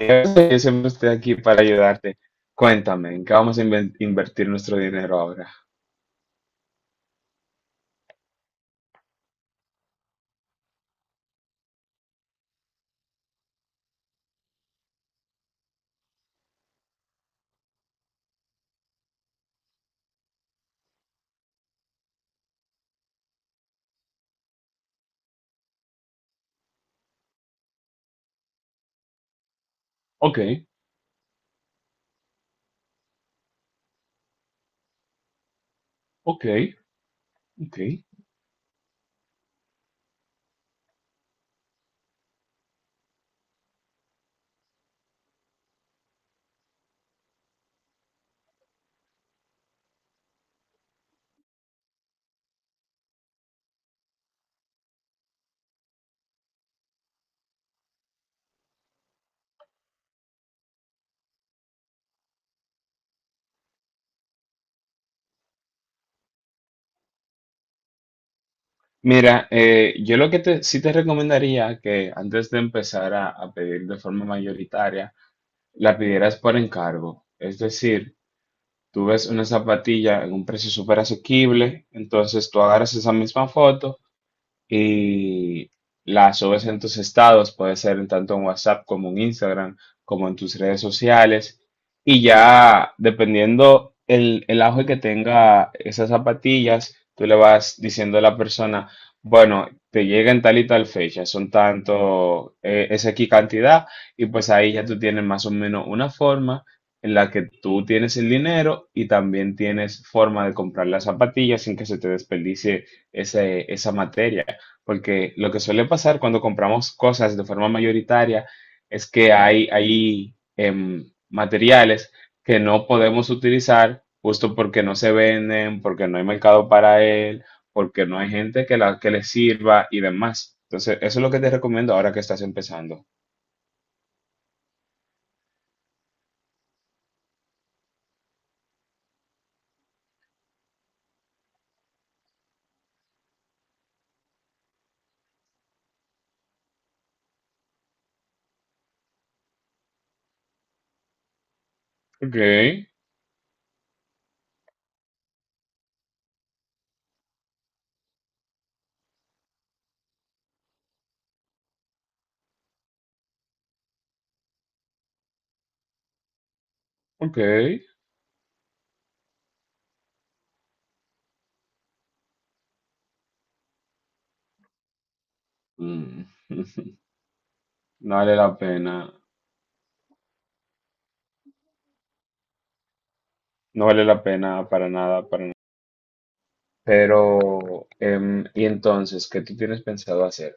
Yo siempre estoy aquí para ayudarte. Cuéntame, ¿en qué vamos a invertir nuestro dinero ahora? Ok, ok, ok. Mira, yo lo que te, sí te recomendaría que antes de empezar a pedir de forma mayoritaria, la pidieras por encargo. Es decir, tú ves una zapatilla en un precio súper asequible, entonces tú agarras esa misma foto y la subes en tus estados, puede ser en tanto en WhatsApp como en Instagram, como en tus redes sociales. Y ya dependiendo el auge que tenga esas zapatillas, tú le vas diciendo a la persona, bueno, te llega en tal y tal fecha, son tanto, es aquí cantidad, y pues ahí ya tú tienes más o menos una forma en la que tú tienes el dinero y también tienes forma de comprar las zapatillas sin que se te desperdicie esa materia. Porque lo que suele pasar cuando compramos cosas de forma mayoritaria es que hay materiales que no podemos utilizar justo porque no se venden, porque no hay mercado para él, porque no hay gente que le sirva y demás. Entonces, eso es lo que te recomiendo ahora que estás empezando. Ok, ok. Mm. No vale la pena, no vale la pena para nada, para nada. Pero, ¿y entonces qué tú tienes pensado hacer?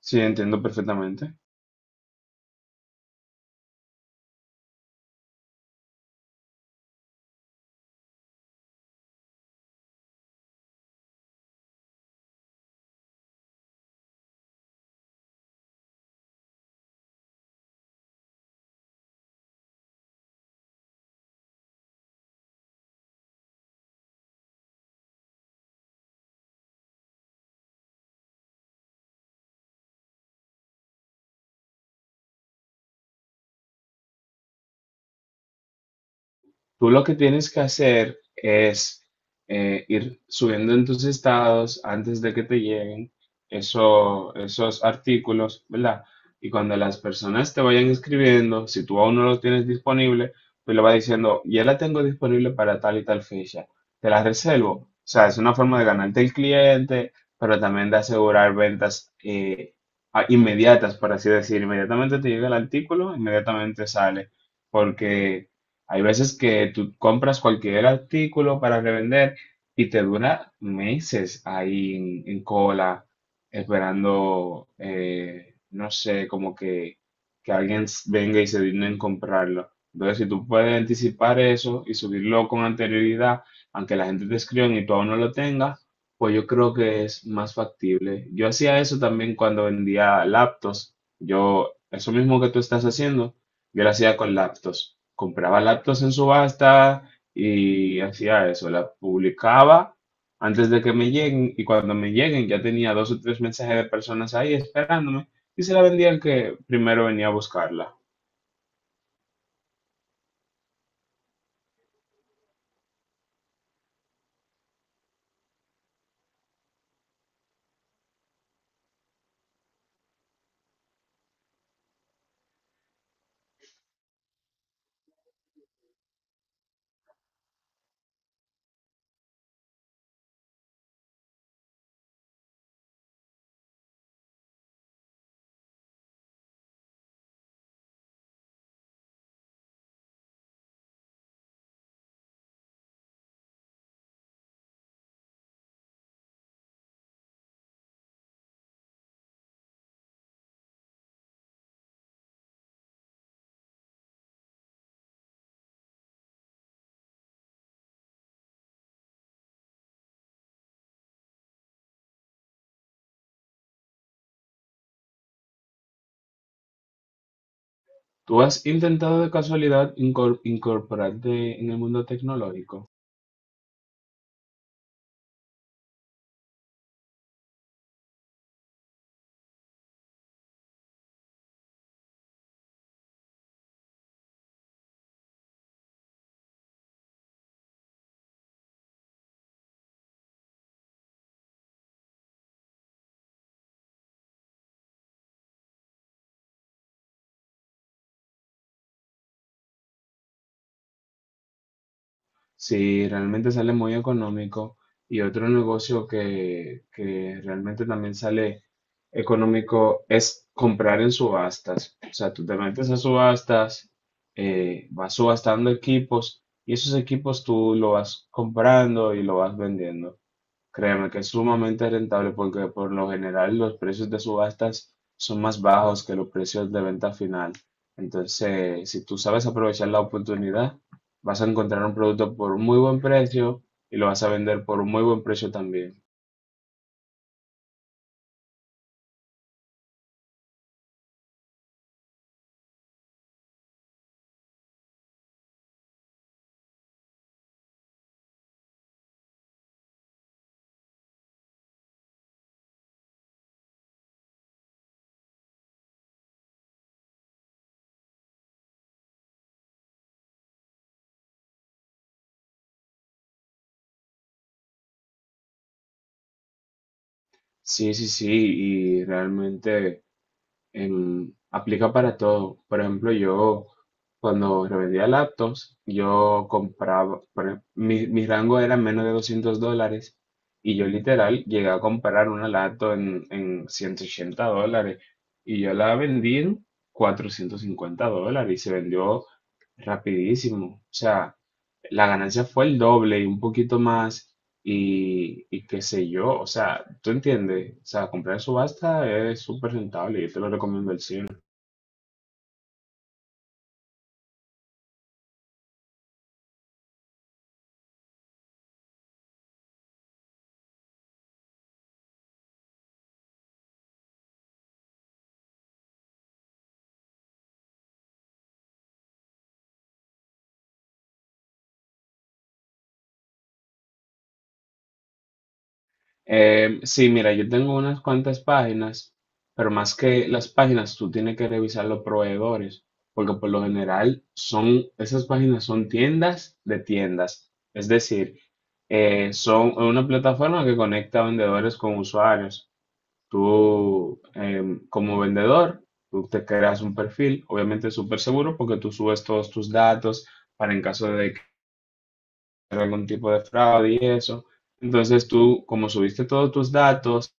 Sí, entiendo perfectamente. Tú lo que tienes que hacer es ir subiendo en tus estados antes de que te lleguen esos artículos, ¿verdad? Y cuando las personas te vayan escribiendo, si tú aún no lo tienes disponible, pues le va diciendo, ya la tengo disponible para tal y tal fecha, te la reservo. O sea, es una forma de ganarte el cliente, pero también de asegurar ventas inmediatas, por así decir. Inmediatamente te llega el artículo, inmediatamente sale porque hay veces que tú compras cualquier artículo para revender y te dura meses ahí en, cola, esperando, no sé, como que alguien venga y se digne en comprarlo. Entonces, si tú puedes anticipar eso y subirlo con anterioridad, aunque la gente te escriba y tú aún no lo tengas, pues yo creo que es más factible. Yo hacía eso también cuando vendía laptops. Yo, eso mismo que tú estás haciendo. Yo lo hacía con laptops. Compraba laptops en subasta y hacía eso. La publicaba antes de que me lleguen y cuando me lleguen ya tenía dos o tres mensajes de personas ahí esperándome y se la vendía al que primero venía a buscarla. ¿Tú has intentado de casualidad incorporarte en el mundo tecnológico? Sí, realmente sale muy económico. Y otro negocio que realmente también sale económico es comprar en subastas. O sea, tú te metes a subastas, vas subastando equipos y esos equipos tú lo vas comprando y lo vas vendiendo. Créeme que es sumamente rentable porque por lo general los precios de subastas son más bajos que los precios de venta final. Entonces, si tú sabes aprovechar la oportunidad, vas a encontrar un producto por un muy buen precio y lo vas a vender por un muy buen precio también. Sí, sí, sí, y realmente aplica para todo. Por ejemplo, yo cuando revendía laptops, yo compraba, mi rango era menos de $200 y yo literal llegué a comprar una laptop en, $180 y yo la vendí en $450 y se vendió rapidísimo. O sea, la ganancia fue el doble y un poquito más y qué sé yo, o sea, tú entiendes, o sea, comprar en subasta es súper rentable, yo te lo recomiendo el cien. Sí, mira, yo tengo unas cuantas páginas, pero más que las páginas, tú tienes que revisar los proveedores, porque por lo general son, esas páginas son tiendas de tiendas, es decir, son una plataforma que conecta vendedores con usuarios. Tú, como vendedor, tú te creas un perfil, obviamente súper seguro, porque tú subes todos tus datos para en caso de que haya algún tipo de fraude y eso. Entonces tú, como subiste todos tus datos,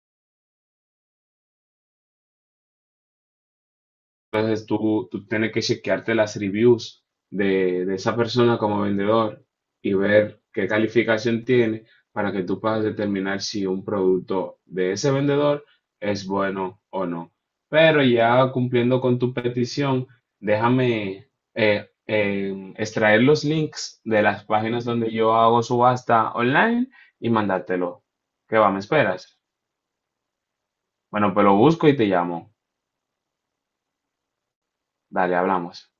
entonces tú, tienes que chequearte las reviews de esa persona como vendedor y ver qué calificación tiene para que tú puedas determinar si un producto de ese vendedor es bueno o no. Pero ya cumpliendo con tu petición, déjame extraer los links de las páginas donde yo hago subasta online y mandártelo. ¿Qué va? ¿Me esperas? Bueno, pues lo busco y te llamo. Dale, hablamos.